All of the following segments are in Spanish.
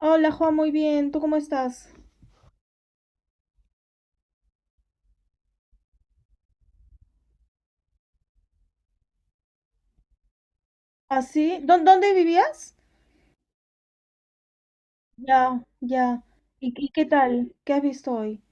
Hola, Juan, muy bien. ¿Tú cómo estás? ¿Así? ¿Dónde vivías? Ya, ya. ¿Y ¿qué tal? ¿Qué has visto hoy?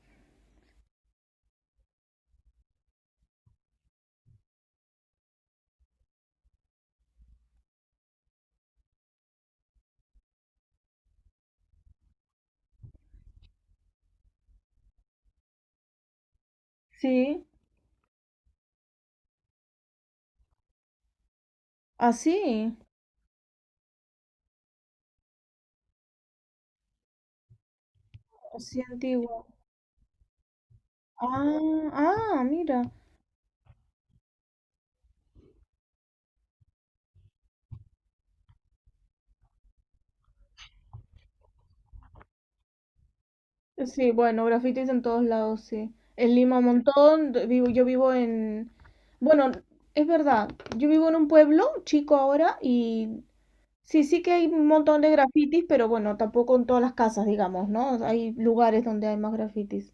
Sí, así, así antiguo. Ah, ah, mira. Sí, bueno, grafitis en todos lados, sí. En Lima un montón, yo vivo en... Bueno, es verdad, yo vivo en un pueblo chico ahora y sí, sí que hay un montón de grafitis, pero bueno, tampoco en todas las casas, digamos, ¿no? Hay lugares donde hay más grafitis.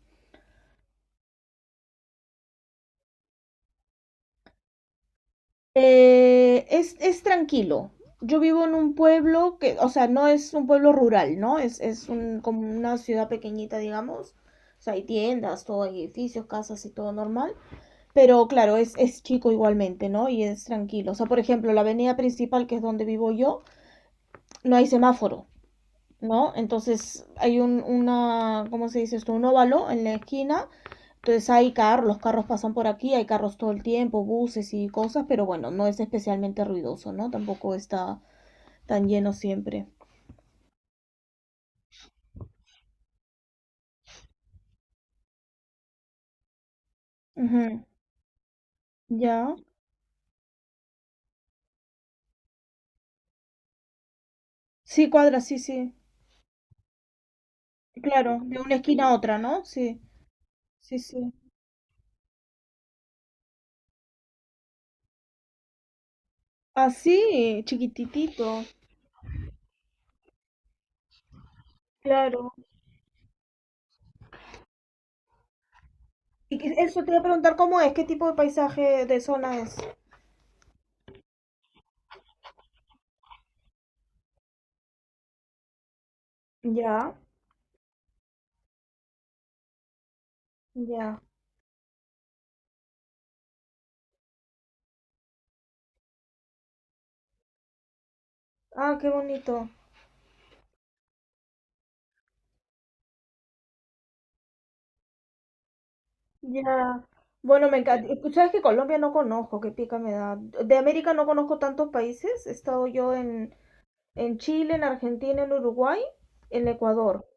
Es tranquilo. Yo vivo en un pueblo que, o sea, no es un pueblo rural, ¿no? Es como una ciudad pequeñita, digamos. O sea, hay tiendas, todo, hay edificios, casas y todo normal. Pero claro, es chico igualmente, ¿no? Y es tranquilo. O sea, por ejemplo, la avenida principal, que es donde vivo yo, no hay semáforo, ¿no? Entonces hay ¿cómo se dice esto? Un óvalo en la esquina, entonces hay carros, los carros pasan por aquí, hay carros todo el tiempo, buses y cosas, pero bueno, no es especialmente ruidoso, ¿no? Tampoco está tan lleno siempre. Ujú. Ya. Sí, cuadra, sí, sí. Claro, de una esquina a otra, ¿no? Sí, sí, sí. Así, chiquititito. Claro. Eso te iba a preguntar cómo es, qué tipo de paisaje de zona es. Ya, ya. Ah, qué bonito. Ya. Bueno, me encanta. ¿Sabes que Colombia no conozco? Qué pica me da. De América no conozco tantos países. He estado yo en Chile, en Argentina, en Uruguay, en Ecuador.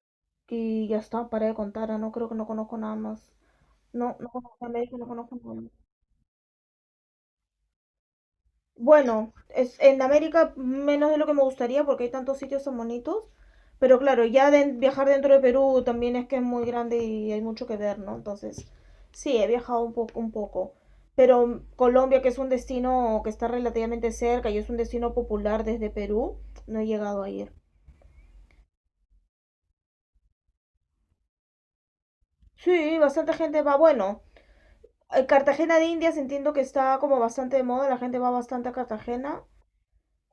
Y ya está, para de contar. No creo que no conozco nada más. No, no conozco América, no conozco nada. Bueno, es, en América menos de lo que me gustaría porque hay tantos sitios tan bonitos. Pero claro, viajar dentro de Perú también es que es muy grande y hay mucho que ver, ¿no? Entonces, sí, he viajado un poco, un poco. Pero Colombia, que es un destino que está relativamente cerca y es un destino popular desde Perú, no he llegado a ir. Sí, bastante gente va. Bueno, Cartagena de Indias entiendo que está como bastante de moda, la gente va bastante a Cartagena.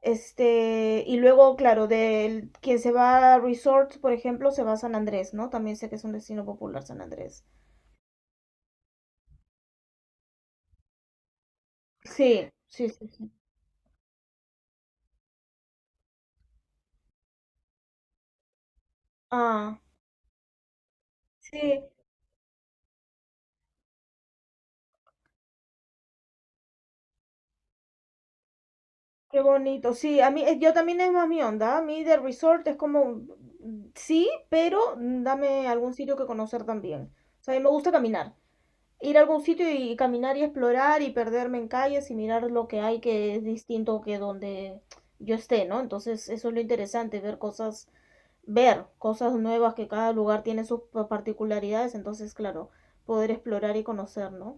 Este, y luego, claro, del quien se va a resorts, por ejemplo, se va a San Andrés, ¿no? También sé que es un destino popular San Andrés. Sí, sí, sí, sí. Ah, sí, qué bonito. Sí, a mí, yo también es más mi onda. A mí de resort es como, mm, sí, pero mm, dame algún sitio que conocer también. O sea, a mí me gusta caminar. Ir a algún sitio y caminar y explorar y perderme en calles y mirar lo que hay que es distinto que donde yo esté, ¿no? Entonces, eso es lo interesante, ver cosas, ver cosas nuevas, que cada lugar tiene sus particularidades, entonces, claro, poder explorar y conocer, ¿no?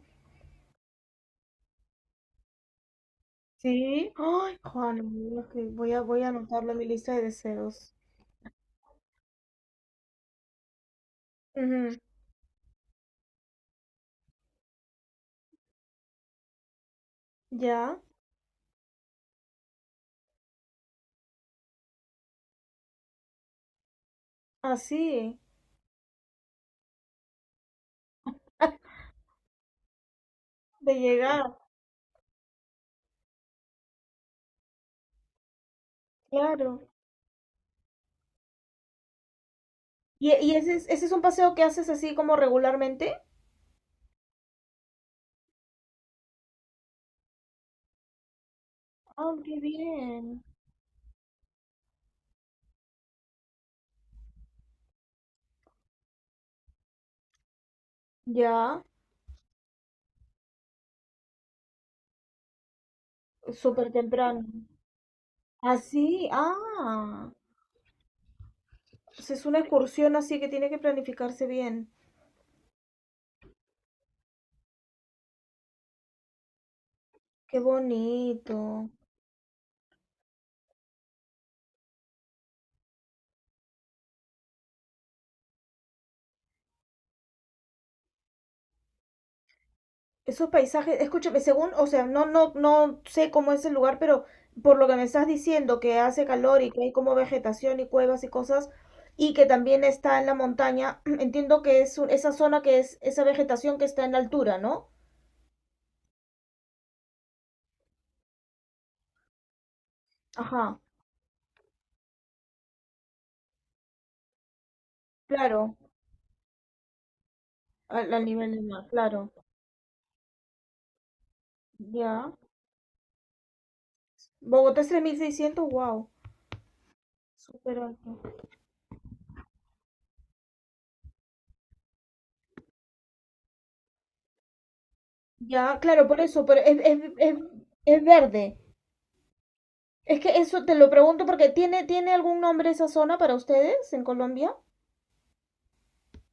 Sí. Ay, Juan, es que voy a anotarlo en mi lista de deseos. Ujú. Ya, así, de llegar, claro. ¿Y ¿ese es, ese es un paseo que haces así como regularmente? Ah, qué bien. Ya, súper temprano. Así, ah. o Es una excursión así que tiene que planificarse bien. Qué bonito. Esos paisajes, escúchame, según, o sea, no sé cómo es el lugar, pero por lo que me estás diciendo, que hace calor y que hay como vegetación y cuevas y cosas, y que también está en la montaña, entiendo que esa zona que es, esa vegetación que está en la altura, ¿no? Ajá, claro, al nivel del mar, claro. Ya. Bogotá es 3600. Wow, súper alto. Ya, claro, por eso, pero es verde. Es que eso te lo pregunto porque tiene algún nombre esa zona para ustedes en Colombia?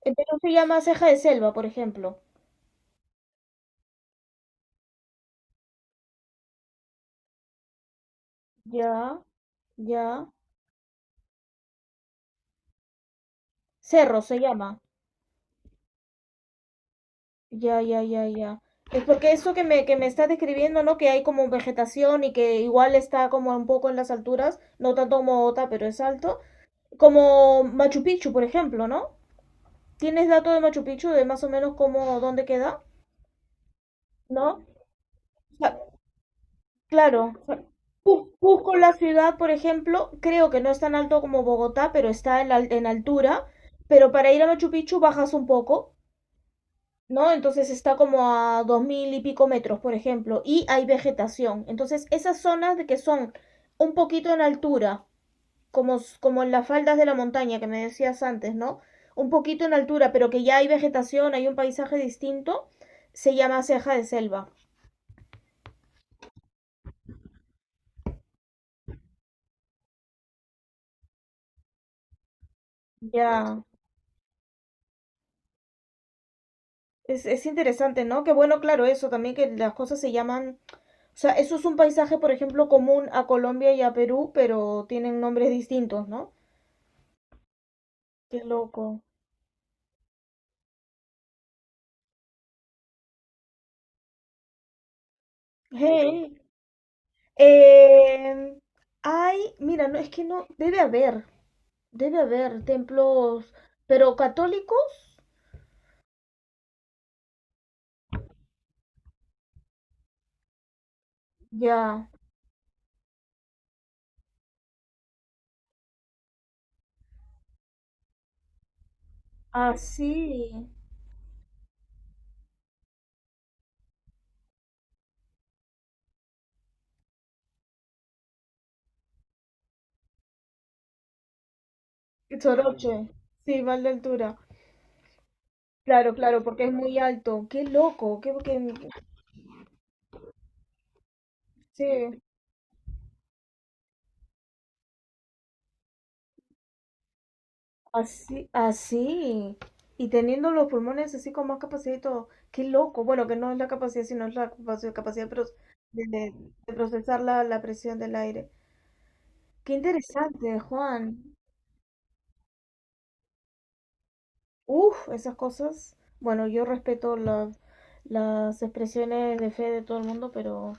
El Perú se llama ceja de selva, por ejemplo. Ya, ya. Cerro se llama. Ya, ya, ya, ya. Es porque eso que me estás describiendo, ¿no? Que hay como vegetación y que igual está como un poco en las alturas, no tanto como Ota, pero es alto. Como Machu Picchu, por ejemplo, ¿no? ¿Tienes dato de Machu Picchu de más o menos cómo, dónde queda? ¿No? Claro, o Cusco, la ciudad, por ejemplo, creo que no es tan alto como Bogotá, pero está en altura. Pero para ir a Machu Picchu bajas un poco, ¿no? Entonces está como a 2000 y pico metros, por ejemplo, y hay vegetación. Entonces, esas zonas de que son un poquito en altura, como en las faldas de la montaña que me decías antes, ¿no? Un poquito en altura, pero que ya hay vegetación, hay un paisaje distinto, se llama ceja de selva. Ya. Es interesante, ¿no? Qué bueno, claro, eso también que las cosas se llaman, o sea, eso es un paisaje, por ejemplo, común a Colombia y a Perú, pero tienen nombres distintos, ¿no? Qué loco. Hey. Eh, hay, mira, no, es que no, debe haber templos, pero católicos, ya, así, Soroche, sí, mal de altura. Claro, claro, porque es muy alto. Qué loco, qué, qué- sí. Así, así. Y teniendo los pulmones así con más capacidad y todo. Qué loco. Bueno, que no es la capacidad, sino es la capacidad de, de- de- de procesar la, la presión del aire. Qué interesante, Juan. Uf, esas cosas. Bueno, yo respeto las expresiones de fe de todo el mundo, pero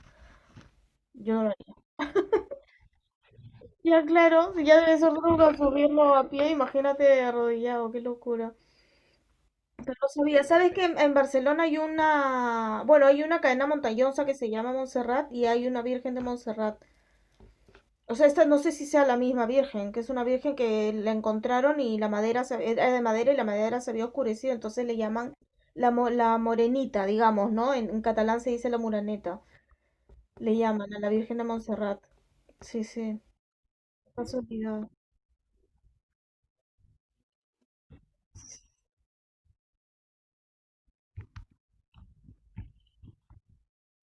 yo no lo haría. Ya, claro, si ya debe ser duro subirlo a pie, imagínate arrodillado, qué locura. No sabía. ¿Sabes que en Barcelona hay una, bueno, hay una cadena montañosa que se llama Montserrat y hay una Virgen de Montserrat. O sea, esta no sé si sea la misma Virgen, que es una Virgen que la encontraron y la madera se, era de madera y la madera se había oscurecido, entonces le llaman la morenita, digamos, ¿no? En catalán se dice la muraneta. Le llaman a la Virgen de Montserrat. Sí, sí. Casualidad.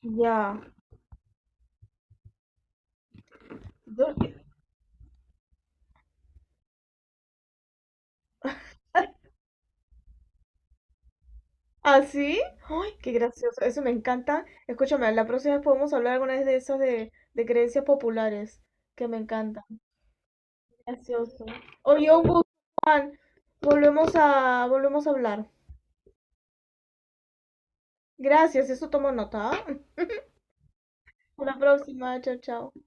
Ya. ¿Ah, sí? ¡Ay, qué gracioso! Eso me encanta. Escúchame, la próxima vez podemos hablar alguna vez de esas de creencias populares, que me encantan. Gracioso. Oye, un gusto, Juan. Volvemos a hablar. Gracias, eso tomo nota. ¿Ah? Hasta la próxima. Chao, chao.